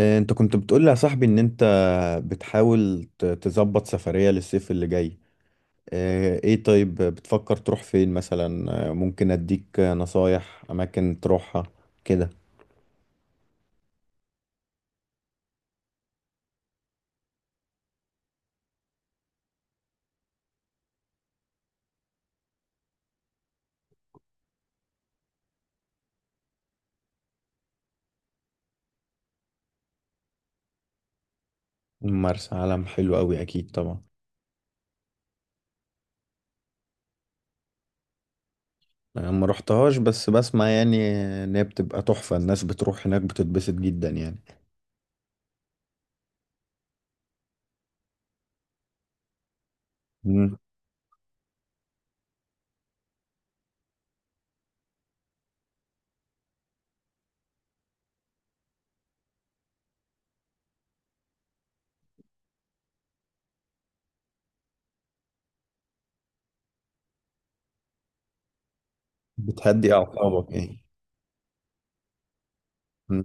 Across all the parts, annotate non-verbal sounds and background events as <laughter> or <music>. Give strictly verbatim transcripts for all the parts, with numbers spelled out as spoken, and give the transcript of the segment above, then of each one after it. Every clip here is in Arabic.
آه، انت كنت بتقول لي يا صاحبي ان انت بتحاول ت- تظبط سفرية للصيف اللي جاي. آه، ايه طيب، بتفكر تروح فين مثلا؟ آه، ممكن اديك نصايح اماكن تروحها كده. مرسى علم حلو قوي، اكيد طبعا. انا ما روحتهاش بس بسمع يعني ان هي بتبقى تحفة، الناس بتروح هناك بتتبسط جدا يعني. مم. بتهدي اعصابك يعني. مم.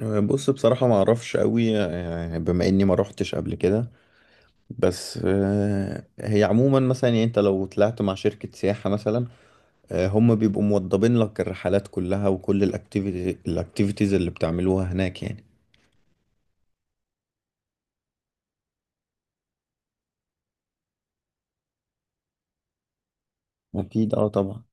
آه، بص بصراحة ما اعرفش قوي، آه، بما اني ما روحتش قبل كده. بس آه، هي عموما مثلا يعني انت لو طلعت مع شركة سياحة مثلا، آه، هم بيبقوا موضبين لك الرحلات كلها وكل الاكتيفيتي الاكتيفيتيز اللي بتعملوها هناك يعني. اكيد اه طبعا.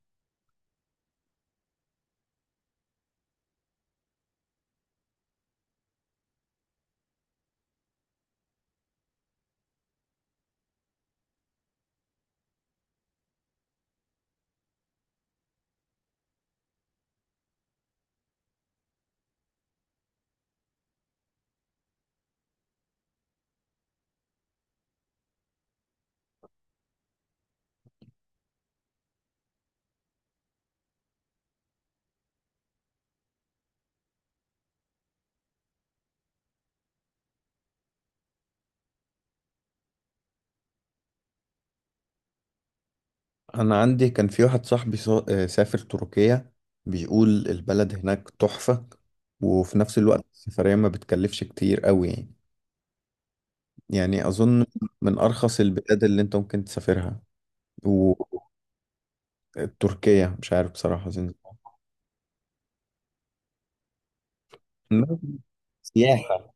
انا عندي كان في واحد صاحبي سا- آه، سافر تركيا، بيقول البلد هناك تحفة، وفي نفس الوقت السفرية ما بتكلفش كتير قوي يعني يعني اظن من ارخص البلاد اللي انت ممكن تسافرها. وتركيا مش عارف بصراحة زين- سياحة.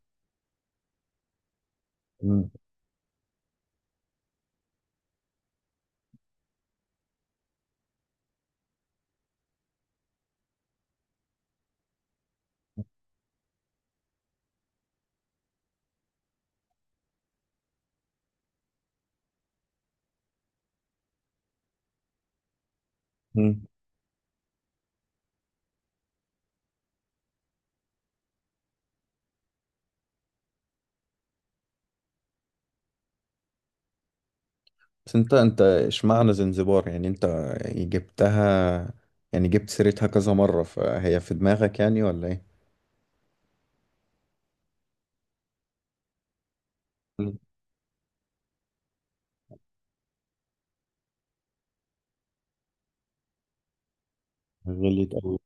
مم. بس انت انت اشمعنى زنزبار؟ يعني انت جبتها، يعني جبت سيرتها كذا مرة فهي في دماغك يعني، ولا ايه؟ مم. غليت أوي.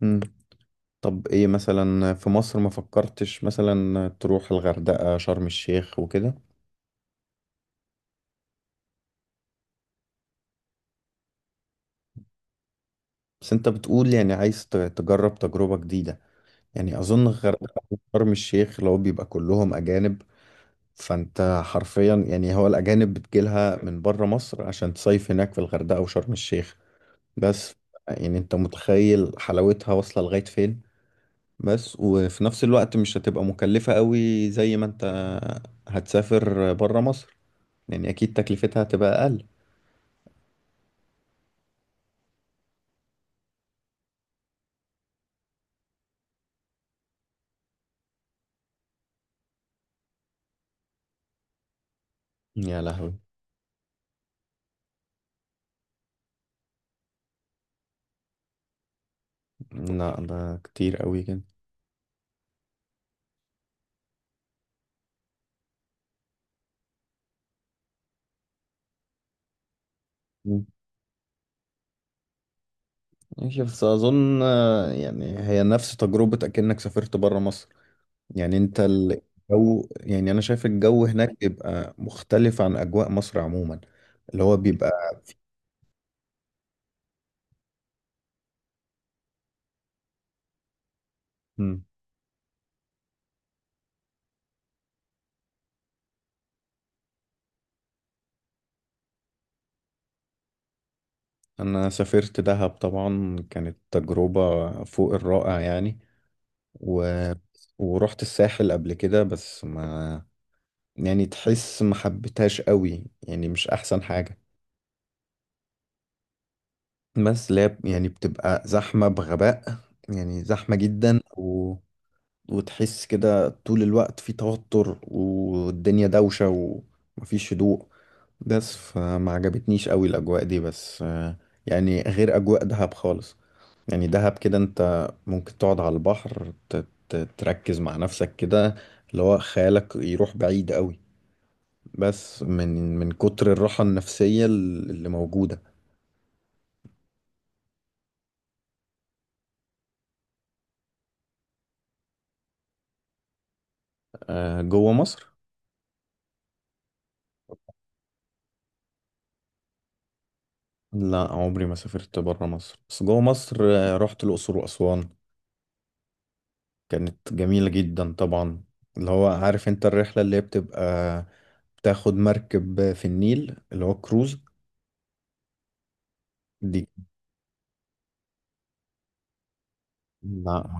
مم. طب ايه مثلا في مصر، ما فكرتش مثلا تروح الغردقة شرم الشيخ وكده؟ بس انت بتقول يعني عايز ت- تجرب تجربة جديدة. يعني اظن الغردقة وشرم الشيخ لو بيبقى كلهم اجانب، فانت حرفيا يعني هو الاجانب بتجيلها من بره مصر عشان تصيف هناك في الغردقة وشرم الشيخ بس. يعني انت متخيل حلاوتها واصلة لغاية فين، بس وفي نفس الوقت مش هتبقى مكلفة قوي زي ما انت هتسافر برا مصر. يعني اكيد تكلفتها هتبقى اقل. يا لهوي، لا ده كتير قوي كده. مم. ماشي بس اظن آه، يعني هي نفس تجربة اكنك سافرت برا مصر. يعني انت الجو، يعني انا شايف الجو هناك بيبقى مختلف عن اجواء مصر عموما. اللي هو بيبقى. أنا سافرت دهب، طبعا كانت تجربة فوق الرائع يعني. و... ورحت الساحل قبل كده بس ما، يعني تحس ما حبيتهاش قوي يعني، مش أحسن حاجة. بس لاب يعني بتبقى زحمة بغباء، يعني زحمة جدا و... وتحس كده طول الوقت في توتر والدنيا دوشة ومفيش هدوء. بس فما عجبتنيش قوي الأجواء دي، بس آه، يعني غير أجواء دهب خالص. يعني دهب كده انت ممكن تقعد على البحر ت- ت- تركز مع نفسك كده، اللي هو خيالك يروح بعيد قوي، بس من من كتر الراحة النفسية اللي موجودة. آه، جوه مصر. لا، عمري ما سافرت بره مصر، بس جوه مصر آه، رحت الأقصر وأسوان، كانت جميلة جدا طبعا. اللي هو عارف انت الرحلة اللي هي بتبقى، بتاخد مركب في النيل اللي هو كروز دي. لا.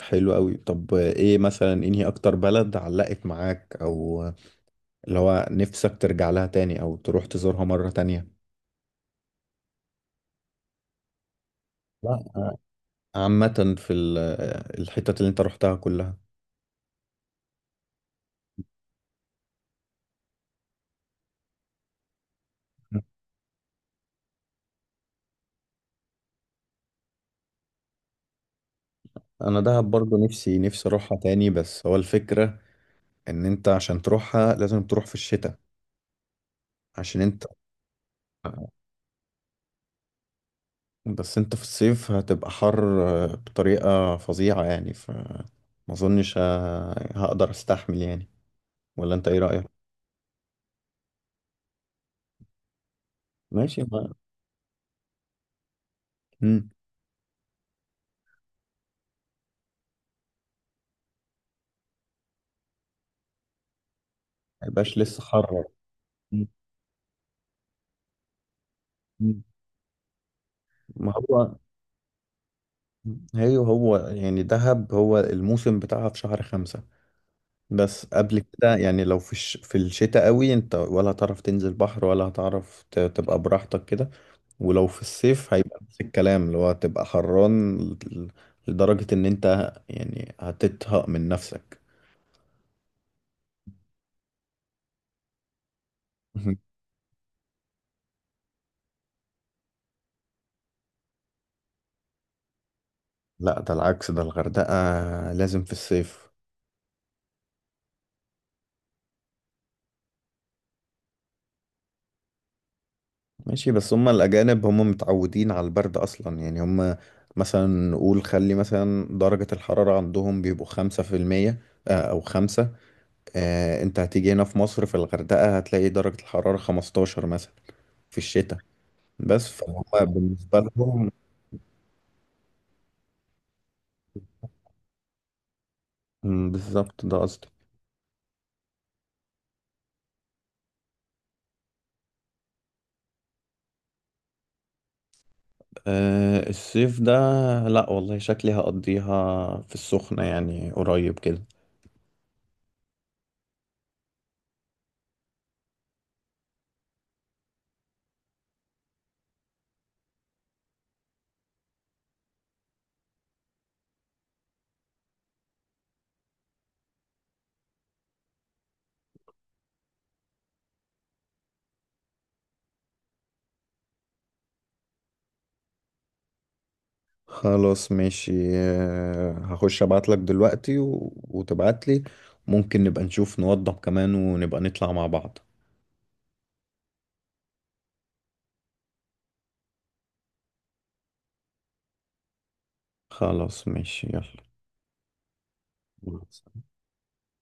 حلو قوي. طب ايه مثلا انهي اكتر بلد علقت معاك، او اللي هو نفسك ترجع لها تاني او تروح تزورها مرة تانية؟ لا. آه، عامة في ال- الحتت اللي انت روحتها كلها. انا دهب برضو نفسي نفسي اروحها تاني، بس هو الفكرة ان انت عشان تروحها لازم تروح في الشتاء عشان انت. بس انت في الصيف هتبقى حر بطريقة فظيعة يعني، فما اظنش ه- هقدر استحمل يعني. ولا انت ايه رأيك؟ ماشي. ما. ما يبقاش لسه حر. مم. مم. ما هو، هي هو يعني دهب هو الموسم بتاعها في شهر خمسة. بس قبل كده يعني لو في الش... في الشتاء قوي انت، ولا هتعرف تنزل بحر ولا هتعرف ت... تبقى براحتك كده. ولو في الصيف هيبقى نفس الكلام، اللي هو هتبقى حران، ل- لدرجة ان انت يعني هتتهق من نفسك. <laughs> لا، ده العكس، ده الغردقة لازم في الصيف. ماشي بس هم الأجانب هم متعودين على البرد أصلا، يعني هم مثلا نقول خلي مثلا درجة الحرارة عندهم بيبقوا خمسة في المية، آه، أو خمسة. آه، أنت هتيجي هنا في مصر، في الغردقة هتلاقي درجة الحرارة خمستاشر مثلا في الشتاء. بس فهم بالنسبة لهم. مم، بالظبط ده قصدي. آه، الصيف ده، لأ والله شكلي هقضيها في السخنة يعني قريب كده. خلاص ماشي، آه، هخش ابعت لك دلوقتي و... وتبعت لي. ممكن نبقى نشوف نوضب كمان، ونبقى نطلع مع بعض. خلاص ماشي. يلا